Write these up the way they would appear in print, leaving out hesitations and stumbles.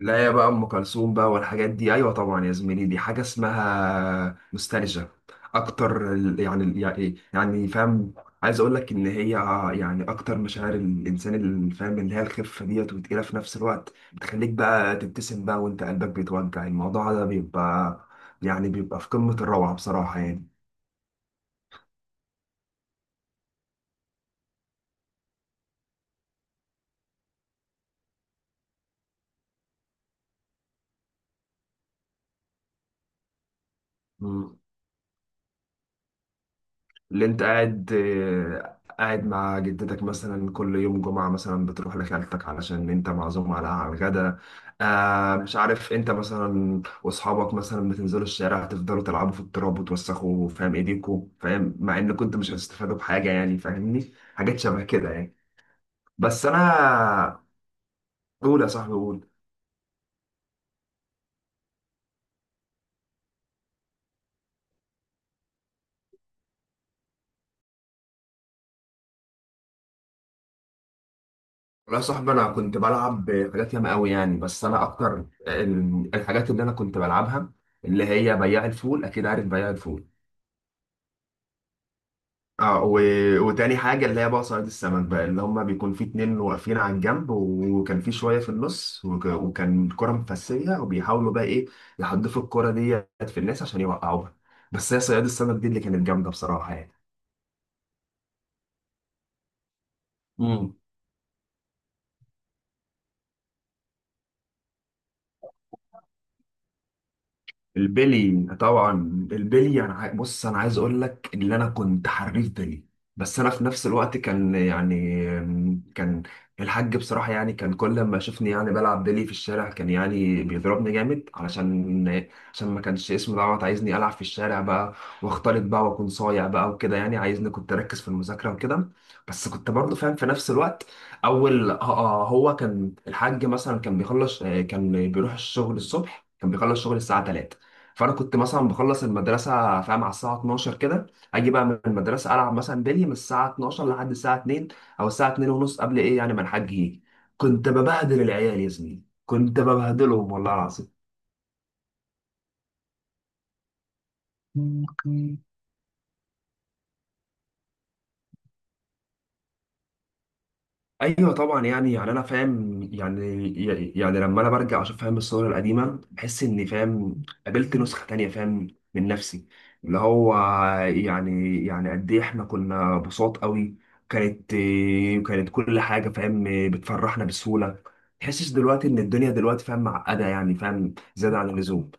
لا يا بقى، ام كلثوم بقى والحاجات دي، ايوه طبعا يا زميلي، دي حاجه اسمها نوستالجيا. اكتر فاهم عايز اقول لك ان هي، اكتر مشاعر الانسان اللي فاهم، اللي هي الخفه ديت وتقيله في نفس الوقت، بتخليك بقى تبتسم بقى وانت قلبك بيتوجع. الموضوع ده بيبقى، بيبقى في قمه الروعه بصراحه، يعني. اللي انت قاعد مع جدتك مثلا، كل يوم جمعة مثلا بتروح لخالتك علشان انت معزوم على الغدا. مش عارف انت مثلا، واصحابك مثلا بتنزلوا الشارع تفضلوا تلعبوا في التراب وتوسخوا فاهم ايديكوا، فاهم، مع ان كنت مش هتستفادوا بحاجة، يعني، فاهمني حاجات شبه كده يعني. بس انا قول يا صاحبي قول. لا يا صاحبي، انا كنت بلعب حاجات ياما قوي يعني، بس انا اكتر الحاجات اللي انا كنت بلعبها، اللي هي بياع الفول، اكيد عارف بياع الفول. اه وتاني حاجة اللي هي بقى صياد السمك بقى، اللي هما بيكون في اتنين واقفين على الجنب، وكان في شوية في النص، وكان الكرة مفسية، وبيحاولوا بقى ايه يحدفوا الكرة ديت في الناس عشان يوقعوها. بس هي صياد السمك دي اللي كانت جامدة بصراحة، يعني. البلي طبعا. البلي، بص انا عايز اقول لك ان انا كنت حريف بلي. بس انا في نفس الوقت، كان الحاج بصراحه، يعني، كان كل ما يشوفني يعني بلعب بلي في الشارع، كان يعني بيضربني جامد، علشان ما كانش اسمه دعوه، عايزني العب في الشارع بقى واختلط بقى واكون صايع بقى وكده، يعني عايزني كنت اركز في المذاكره وكده. بس كنت برضه فاهم في نفس الوقت. اول آه، آه، هو كان الحاج مثلا، كان بيخلص آه، كان بيروح الشغل الصبح، كان بيخلص شغل الساعه 3. فانا كنت مثلا بخلص المدرسه فاهم على الساعه 12 كده، اجي بقى من المدرسه العب مثلا بلي من الساعه 12 لحد الساعه 2، او الساعه 2 ونص قبل ايه يعني ما الحاج يجي. كنت ببهدل العيال يا زميلي، كنت ببهدلهم والله العظيم. ايوه طبعا، يعني انا فاهم، يعني، يعني لما انا برجع اشوف فاهم الصور القديمه، بحس اني فاهم قابلت نسخه تانية فاهم، من نفسي. اللي هو يعني، يعني قد ايه احنا كنا بساط قوي. كانت كانت كل حاجه فاهم بتفرحنا بسهوله. تحسش دلوقتي ان الدنيا دلوقتي فاهم معقده، يعني فاهم زياده عن اللزوم.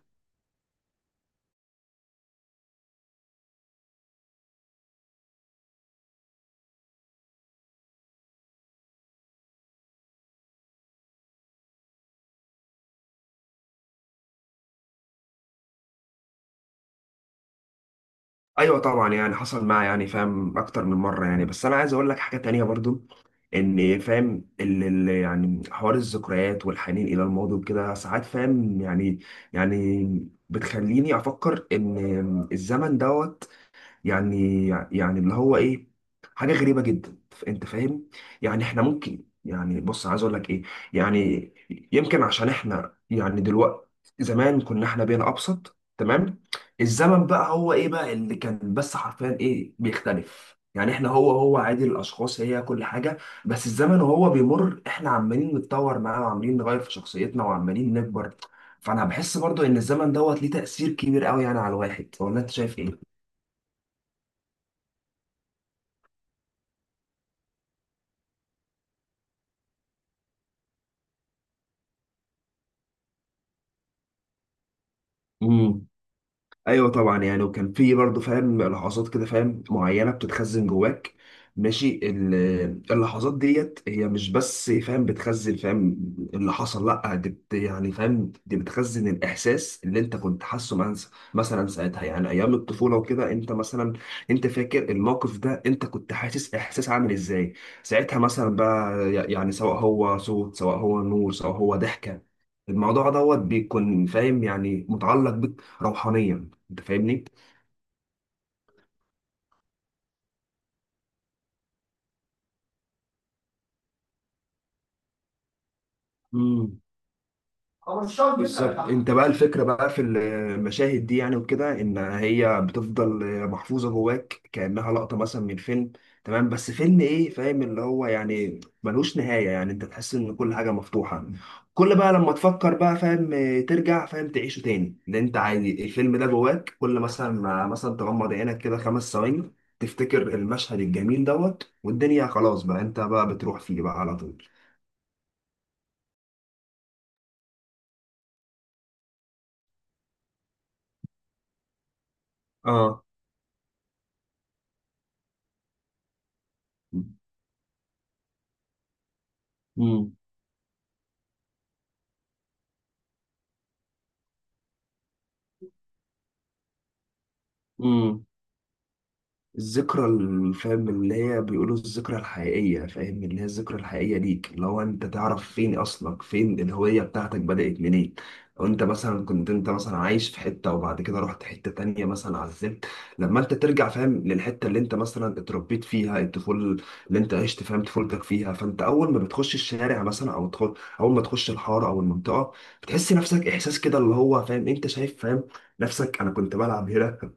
ايوه طبعا، يعني حصل معايا، يعني فاهم اكتر من مره يعني، بس انا عايز اقول لك حاجه تانية برضو، ان فاهم اللي يعني حوار الذكريات والحنين الى الماضي وكده، ساعات فاهم يعني، يعني بتخليني افكر ان الزمن دوت، يعني اللي هو ايه، حاجه غريبه جدا. انت فاهم يعني، احنا ممكن يعني، بص عايز اقول لك ايه، يعني، يمكن عشان احنا يعني دلوقتي، زمان كنا احنا بين ابسط، تمام. الزمن بقى هو ايه بقى اللي كان، بس حرفيا ايه بيختلف يعني، احنا هو عادي، الاشخاص هي كل حاجه، بس الزمن وهو بيمر احنا عمالين نتطور معاه وعمالين نغير في شخصيتنا وعمالين نكبر. فانا بحس برضو ان الزمن دوت ليه تأثير كبير قوي يعني على الواحد، ولا انت شايف ايه؟ ايوه طبعا، يعني، وكان في برضه فاهم لحظات كده فاهم معينه بتتخزن جواك، ماشي، اللحظات ديت هي مش بس فاهم بتخزن فاهم اللي حصل، لا، دي بت يعني فاهم دي بتخزن الاحساس اللي انت كنت مثلا ساعتها، يعني ايام الطفوله وكده، انت مثلا، انت فاكر الموقف ده انت كنت حاسس احساس عامل ازاي ساعتها مثلا بقى، يعني سواء هو صوت، سواء هو نور، سواء هو ضحكه. الموضوع دوت بيكون فاهم يعني متعلق بك روحانيا. انت فاهمني؟ امم بالظبط. انت بقى الفكره بقى في المشاهد دي، يعني، وكده، ان هي بتفضل محفوظه جواك كانها لقطه مثلا من فيلم، تمام، بس فيلم ايه فاهم اللي هو يعني ملوش نهايه، يعني انت تحس ان كل حاجه مفتوحه. كل بقى لما تفكر بقى فاهم، ترجع فاهم تعيشه تاني، لان انت عادي الفيلم ده جواك، كل مثلا ما مثلا تغمض عينك كده خمس ثواني، تفتكر المشهد الجميل دوت، والدنيا خلاص بقى، انت بقى بتروح فيه بقى على طول. اه. امم الذكرى، فاهم اللي هي بيقولوا الذكرى الحقيقية، فاهم، اللي هي الذكرى الحقيقية ليك، اللي هو انت تعرف فين اصلك، فين الهوية بتاعتك بدأت منين. لو انت مثلا كنت انت مثلا عايش في حتة، وبعد كده رحت حتة تانية مثلا، عزلت، لما انت ترجع فاهم للحتة اللي انت مثلا اتربيت فيها الطفولة، اللي انت عشت فاهم طفولتك فيها، فانت اول ما بتخش الشارع مثلا اول ما تخش الحارة او المنطقة، بتحس نفسك احساس كده اللي هو فاهم، انت شايف فاهم نفسك، انا كنت بلعب هنا،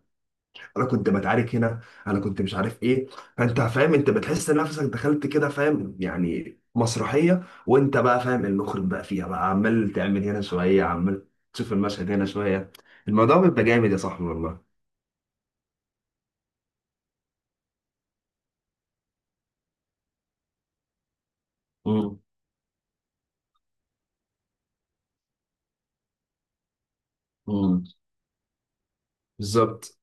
انا كنت بتعارك هنا، انا كنت مش عارف ايه. فانت فاهم، انت بتحس ان نفسك دخلت كده فاهم يعني مسرحيه، وانت بقى فاهم المخرج بقى فيها بقى، عمال تعمل هنا شويه، عمال تشوف المشهد هنا شويه. الموضوع بيبقى جامد يا صاحبي والله. امم امم بالظبط.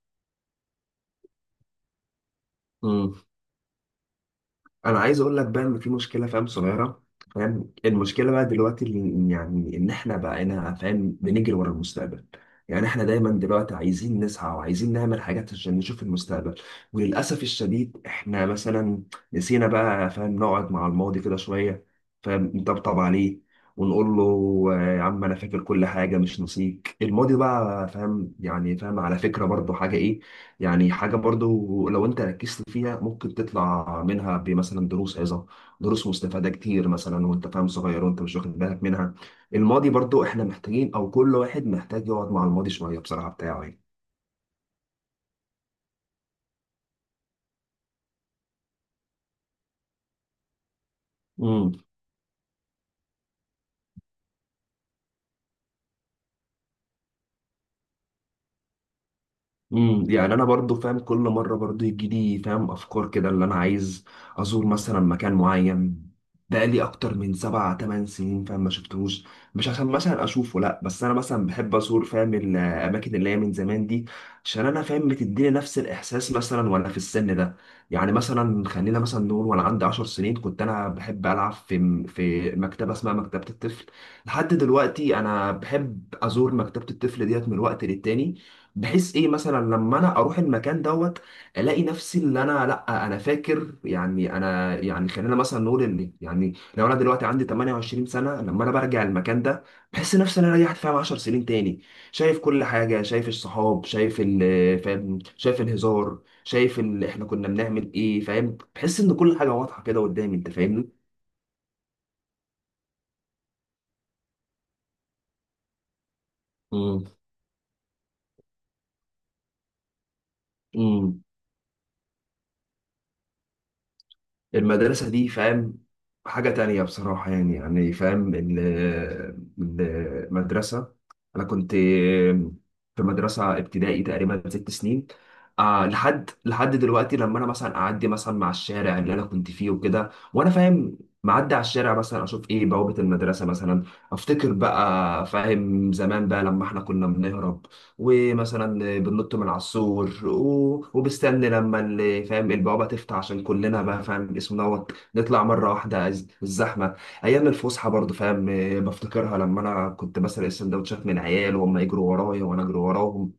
انا عايز اقول لك بقى ان في مشكله فاهم صغيره. فاهم، المشكله بقى دلوقتي يعني ان احنا بقينا فاهم بنجري ورا المستقبل. يعني احنا دايما دلوقتي عايزين نسعى وعايزين نعمل حاجات عشان نشوف المستقبل، وللاسف الشديد احنا مثلا نسينا بقى فاهم نقعد مع الماضي كده شويه، فاهم، نطبطب عليه ونقول له، آه، يا عم انا فاكر كل حاجه مش نسيك، الماضي بقى فاهم يعني، فاهم على فكره برضه حاجه ايه يعني، حاجة برضو لو انت ركزت فيها ممكن تطلع منها بمثلا دروس عظة، دروس مستفادة كتير مثلا، وانت فاهم صغير وانت مش واخد بالك منها. الماضي برضو احنا محتاجين، او كل واحد محتاج يقعد مع الماضي شوية بصراحة بتاعه. يعني. يعني انا برضو فاهم كل مره برضو يجي لي فاهم افكار كده، اللي انا عايز ازور مثلا مكان معين بقالي اكتر من سبع تمن سنين فاهم ما شفتهوش. مش عشان مثلا اشوفه، لا، بس انا مثلا بحب ازور فاهم الاماكن اللي هي من زمان دي، عشان انا فاهم بتديني نفس الاحساس مثلا وانا في السن ده. يعني مثلا خلينا مثلا نقول وانا عندي 10 سنين، كنت انا بحب العب في مكتبه اسمها مكتبه الطفل. لحد دلوقتي انا بحب ازور مكتبه الطفل ديت من وقت للتاني، بحيث ايه، مثلا لما انا اروح المكان دوت الاقي نفسي، اللي انا لا انا فاكر، يعني انا، يعني خلينا مثلا نقول ان، يعني لو انا دلوقتي عندي 28 سنه، لما انا برجع المكان ده بحس نفسي ان انا رجعت فاهم 10 سنين تاني، شايف كل حاجه، شايف الصحاب، شايف ال فاهم شايف الهزار، شايف ال احنا كنا بنعمل ايه فاهم، بحس ان كل حاجه واضحه كده قدامي، انت فاهمني؟ امم المدرسة دي فاهم حاجة تانية بصراحة يعني، يعني فاهم، المدرسة. أنا كنت في مدرسة ابتدائي تقريبا ست سنين. آه، لحد دلوقتي لما أنا مثلا أعدي مثلا مع الشارع اللي أنا كنت فيه وكده، وأنا فاهم معدي على الشارع مثلا، أشوف إيه بوابة المدرسة مثلا، أفتكر بقى فاهم زمان بقى لما إحنا كنا بنهرب، ومثلا بننط من على السور، وبستنى لما فاهم البوابة تفتح عشان كلنا بقى فاهم اسم دوت نطلع مرة واحدة، الزحمة. أيام الفسحة برضه فاهم، آه، بفتكرها لما أنا كنت بسرق السندوتشات من عيال وهم يجروا ورايا وأنا أجري وراهم.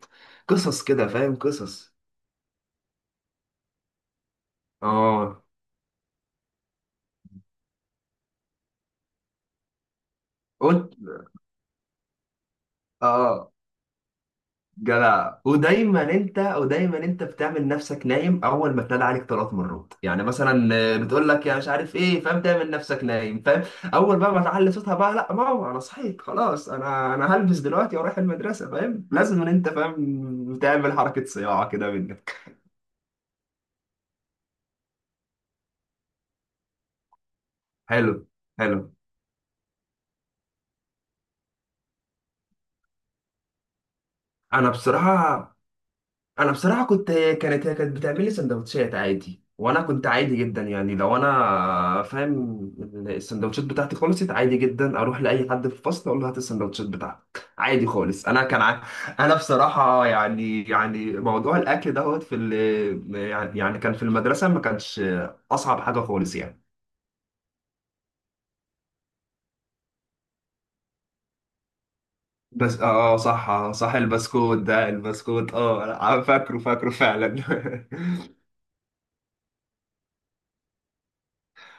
قصص كده فاهم، قصص. اه. قلت. اه. جدع. ودايما انت، ودايما انت بتعمل نفسك نايم، اول ما تنادى عليك ثلاث مرات، يعني مثلا، آه، بتقول لك يا مش عارف ايه فاهم، تعمل نفسك نايم، فاهم. اول بقى ما تعلي صوتها بقى، لا ماما انا صحيت خلاص، انا هلبس دلوقتي واروح المدرسه فاهم، لازم ان انت فاهم تعمل حركه صياعه كده منك. حلو، حلو. انا بصراحه انا بصراحه كنت، هي كانت بتعمل لي سندوتشات عادي، وانا كنت عادي جدا يعني، لو انا فاهم السندوتشات بتاعتي خلصت عادي جدا اروح لاي حد في الفصل اقول له هات السندوتشات بتاعتك عادي خالص. انا بصراحه يعني، يعني موضوع الاكل دوت في يعني، يعني كان في المدرسه ما كانش اصعب حاجه خالص يعني. بس اه، آه، صح، آه، صح. البسكوت ده، البسكوت، اه، أنا فاكره، فاكره فعلا.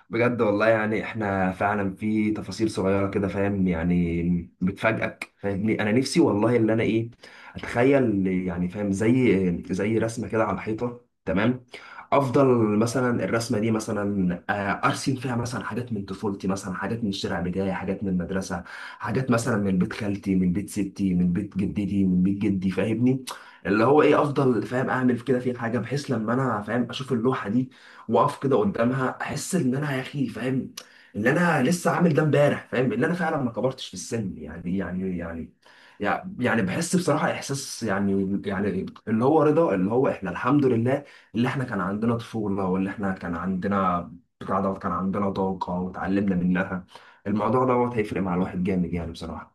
بجد والله، يعني احنا فعلا في تفاصيل صغيره كده فاهم يعني بتفاجئك، فاهمني، انا نفسي والله اللي انا ايه، اتخيل يعني فاهم زي، زي رسمه كده على الحيطه، تمام، افضل مثلا الرسمه دي مثلا، آه، ارسم فيها مثلا حاجات من طفولتي، مثلا حاجات من الشارع بتاعي، حاجات من المدرسه، حاجات مثلا من بيت خالتي، من بيت ستي، من بيت جدتي، من بيت جدي، فاهمني، اللي هو ايه، افضل فاهم اعمل كده في حاجه، بحيث لما انا فاهم اشوف اللوحه دي واقف كده قدامها، احس ان انا يا اخي فاهم ان انا لسه عامل ده امبارح، فاهم ان انا فعلا ما كبرتش في السن، يعني بحس بصراحه احساس، يعني، يعني اللي هو رضا، اللي هو احنا الحمد لله، اللي احنا كان عندنا طفوله، واللي احنا كان عندنا بتاع دوت، كان عندنا طاقه وتعلمنا منها. الموضوع دوت هيفرق مع الواحد جامد يعني بصراحه.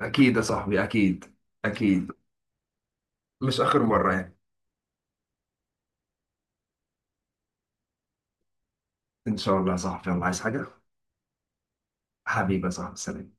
اكيد يا صاحبي، اكيد، اكيد. مش اخر مره يعني، ان شاء الله يا صاحبي، الله عايز حاجه. حبيبي يا صاحبي، سلام.